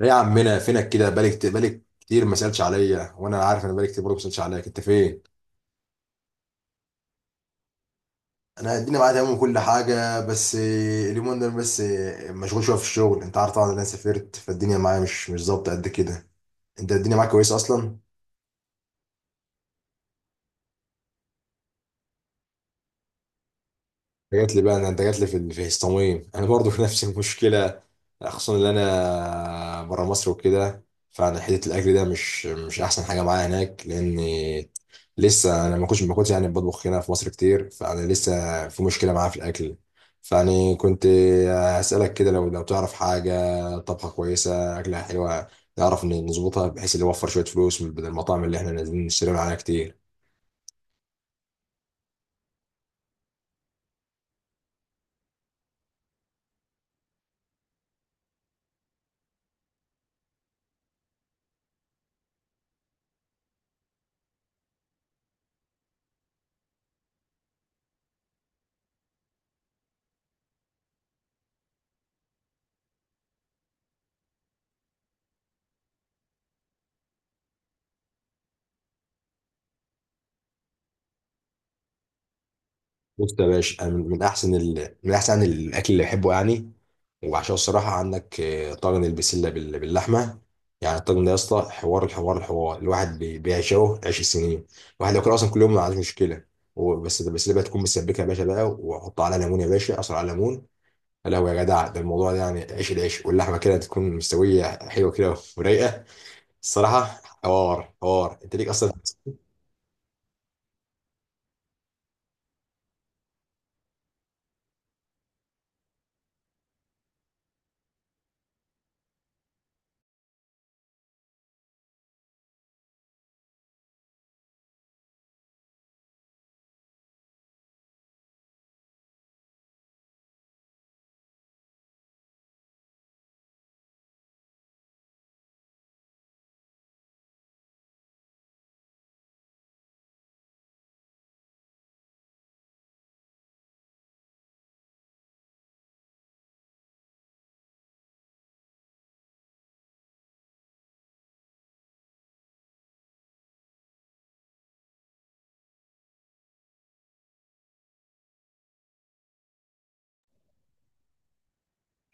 ايه يا عمنا فينك كده. بالك كتير، ما سالتش عليا، وانا عارف انا بالك كتير برضه ما سالتش عليك انت فين. انا الدنيا معايا تمام وكل حاجه، بس اليومين دول بس مشغول شويه في الشغل. انت عارف طبعا إن انا سافرت، فالدنيا معايا مش ظابطه قد كده. انت الدنيا معاك كويسه اصلا. جات لي في هستوميم، انا برضو في نفس المشكله، خصوصا ان انا بره مصر وكده. فانا حته الاكل ده مش احسن حاجه معايا هناك، لان لسه انا ما كنتش بطبخ هنا في مصر كتير، فانا لسه في مشكله معايا في الاكل. كنت هسالك كده، لو تعرف حاجه طبخه كويسه اكلها حلوه، نعرف إن نظبطها بحيث اللي يوفر شويه فلوس من بدل المطاعم اللي احنا نازلين نشتري من عليها كتير. بص يا باشا، أنا من من احسن الاكل اللي بحبه وعشان الصراحة عندك طاجن البسلة باللحمة. يعني الطاجن ده يا اسطى حوار! الحوار الواحد بيعشقه عيش السنين. الواحد لو كان أصلا كل يوم ما عندوش مشكلة. بس البسلة بقى تكون مسبكة يا باشا، بقى وحط عليها ليمون يا باشا، أصل على ليمون. يا لهوي يا جدع! ده الموضوع ده، يعني عيش العيش واللحمة كده تكون مستوية حلوة كده ورايقة. الصراحة حوار حوار أنت ليك أصلا.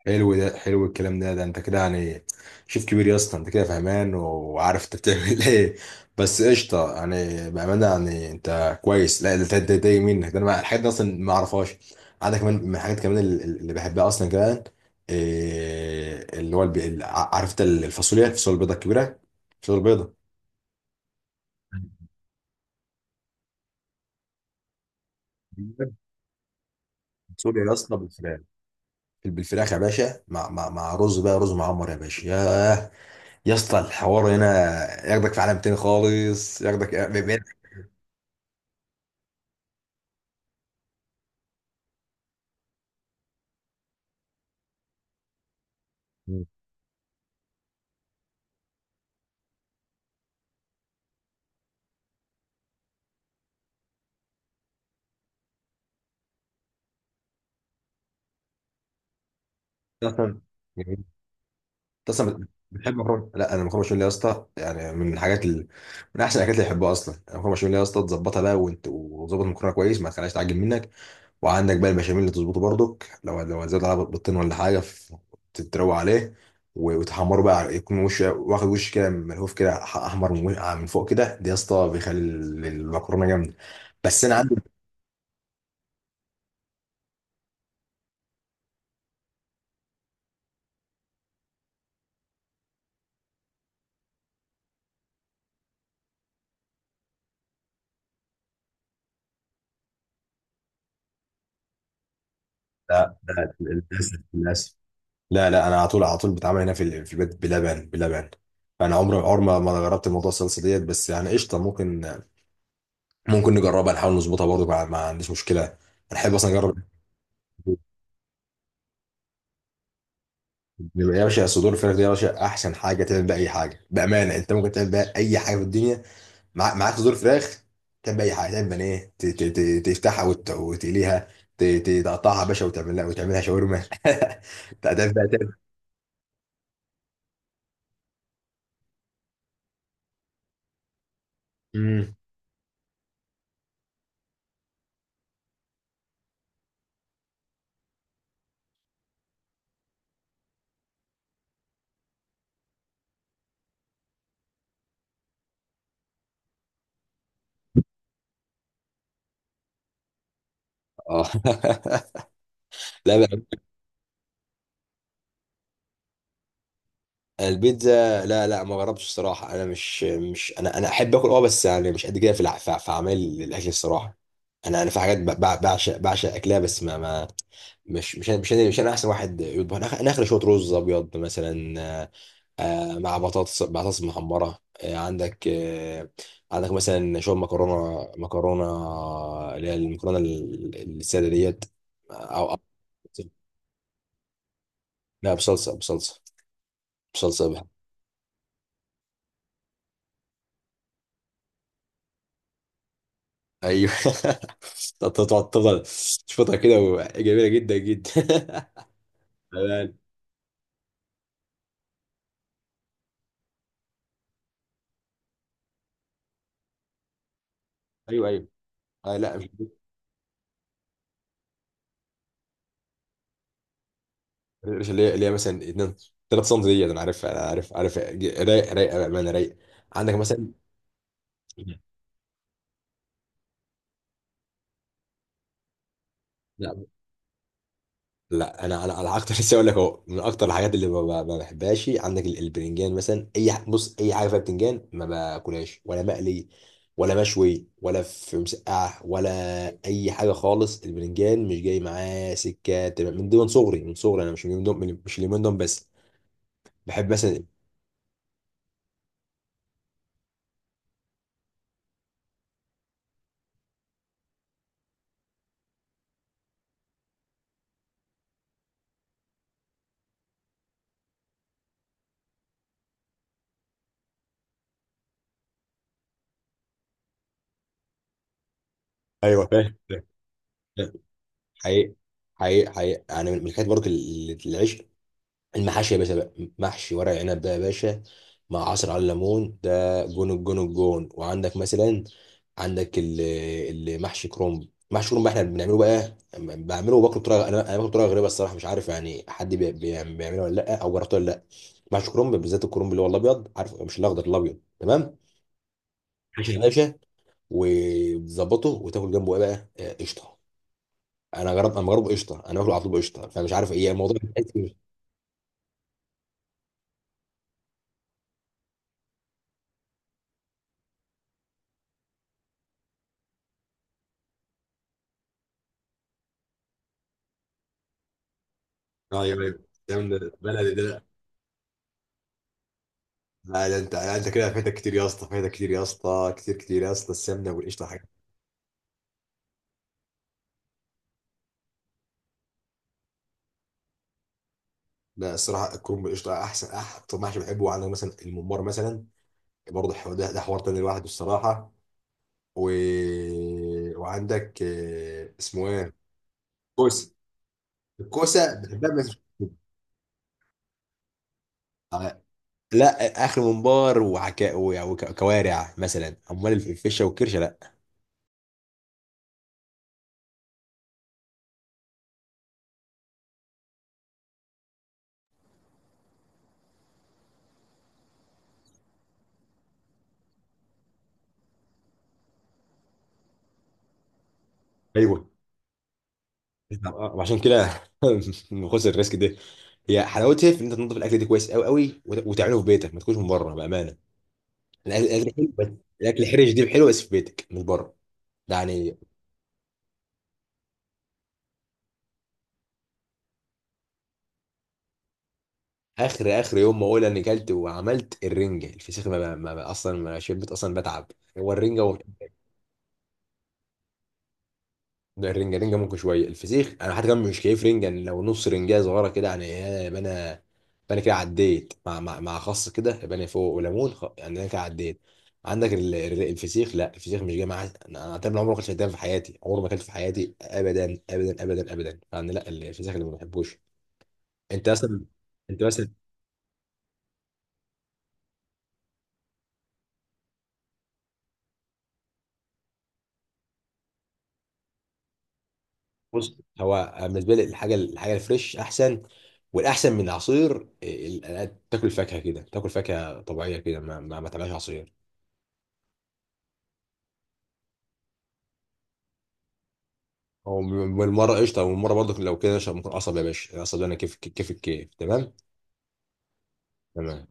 حلو، حلو الكلام ده انت كده يعني شيف كبير يا اسطى. انت كده فهمان وعارف انت بتعمل ايه. بس قشطه يعني، بامانه يعني انت كويس. لا ده يمينك ده، انا الحاجات دي اصلا ما اعرفهاش. عندك كمان من الحاجات كمان اللي بحبها اصلا كمان، إيه اللي هو عارف انت الفاصوليا الفاصوليا البيضاء الكبيره، الفاصوليا البيضاء. الفاصوليا يا اسطى بالفراخ. بالفراخ يا باشا، مع رز بقى، رز معمر يا باشا. ياه يا اسطى، الحوار هنا ياخدك في عالم تاني خالص، ياخدك بعيد. مم. اصلا انت اصلا بتحب مكرونه؟ لا، انا المكرونه بشاميل يا اسطى يعني من احسن الاكلات اللي بحبها اصلا. المكرونه بشاميل يا اسطى، تظبطها بقى وانت وتظبط المكرونه كويس ما تخليهاش تعجن منك. وعندك بقى البشاميل اللي تظبطه برضك، لو زاد على بطين ولا حاجه تتروق عليه، وتحمره بقى، يكون وش واخد وش كده ملهوف كده، احمر من وش- آه، من فوق كده. ده يا اسطى بيخلي المكرونه جامده. بس انا عندي... لا لا، للاسف للاسف. لا لا، انا على طول على طول بتعامل هنا في في البيت بلبن بلبن. فانا عمري ما جربت موضوع الصلصه ديت، بس يعني قشطه ممكن، ممكن نجربها نحاول نظبطها برضه. ما عنديش مشكله، انا احب اصلا اجرب. يبقى يا باشا صدور الفراخ دي يا باشا احسن حاجه. تعمل بيها اي حاجه بامانه، انت ممكن تعمل بيها اي حاجه في الدنيا. معاك صدور فراخ، تعمل بيها اي حاجه. تعمل بانيه، تفتحها وت- وتقليها تقطعها يا باشا وتعملها وتعملها شاورما. تعمل بيها، تعمل. مم. اه لا بقى. البيتزا لا لا، ما جربتش الصراحه. انا مش مش انا احب اكل اه، بس يعني مش قد كده في في اعمال الاكل الصراحه. انا في حاجات بعشق اكلها، بس ما ما مش انا احسن واحد يطبخ. انا أنا اخر شويه رز ابيض مثلا، مع بطاطس محمره، عندك عندك مثلا شويه مكرونه اللي هي المكرونه الساده ديت، او أو- لا، بصلصه بصلصه. ايوه. تقعد تفضل تشوفها كده جميله جدا جدا. تمام. ايوه ايوه. آه لا، مش مش اللي هي، مثلا 2 3 سم ديت. انا عارف، عارف، رايق، بامانه رايق. عندك مثلا... لا لا، انا على اكتر لسه اقول لك اهو، من اكتر الحاجات اللي ما بحبهاش عندك البرنجان مثلا. بص، اي حاجه فيها بتنجان ما باكلهاش، ولا مقلي ولا مشوي ولا في مسقعه ولا اي حاجه خالص. البرنجان مش جاي معاه سكه تمام، من دون صغري من صغري. انا مش مش اليومين دول بس. بحب مثلا... ايوه فاهم. فاهم. حقيقي، حقيقي حقيقي انا من الحاجات برضه العشق، المحاشي يا باشا بقى. محشي ورق عنب ده يا باشا، مع عصير على الليمون، ده جون الجون. وعندك مثلا، عندك المحشي كرنب. محشي كرنب احنا بنعمله بقى، بعمله وباكله بطريقه. انا انا باكله بطريقه غريبه الصراحه، مش عارف يعني حد بيعمله ولا لا، او جربته ولا لا. محشي كرنب، بالذات الكرنب اللي هو الابيض، عارف، مش الاخضر، الابيض تمام. محشي يا باشا وتظبطه وتاكل جنبه ايه بقى؟ قشطه. انا جربت، انا جربه قشطه انا باكله على طول بقشطه، فمش عارف ايه الموضوع ايوه ايوه. جامد بلدي ده. لا لا انت، لا انت كده فايتك كتير يا اسطى، فايتك كتير يا اسطى، كتير كتير يا اسطى، السمنه والقشطه حاجه. لا الصراحه الكرنب بالقشطه احسن، اكتر محشي بحبه. عندك مثلا الممبار مثلا، برضه الحوار ده حوار تاني لوحده الصراحه. و... وعندك اسمه ايه، الكوسه، الكوسه بحبها بس آه، لا اخر ممبار وحكا وكوارع مثلا، امال الفشه والكرشه لا. ايوه وعشان كده خسر الريسك ده. هي حلاوتها في ان انت تنظف الاكل ده كويس قوي قوي، وت- وتعمله في بيتك، ما تكونش من بره بامانه. الاكل، حلو بس، الاكل الحرش دي حلو بس في بيتك مش بره. ده يعني... اخر يوم ما اقول اني كلت وعملت الرنجه الفسيخ اصلا ما شبت اصلا، بتعب. هو الرنجه، ده الرنجة، رنجة ممكن شوية. الفسيخ أنا حتى كمان مش كيف. رنجة يعني لو نص رنجة صغيرة كده يعني، يبقى أنا، يبقى أنا كده عديت، مع مع خس كده، يبقى أنا فوق وليمون يعني أنا كده عديت. عندك الفسيخ. لا، الفسيخ مش جاي معايا. أنا أنا تقريبا عمري ما أكلت فدان في حياتي، عمري ما أكلت في حياتي أبدا أبدا أبدا أبدا يعني. لا الفسيخ اللي ما بحبوش أنت أصلا. أنت مثلا... بص، هو بالنسبة لي الحاجة، الفريش أحسن، والأحسن من العصير تاكل فاكهة كده، تاكل فاكهة طبيعية كده، ما تعملهاش عصير. هو والمره قشطه والمره برضه لو كده، عشان ممكن قصب يا باشا. القصب ده انا كيف، الكيف تمام. تمام.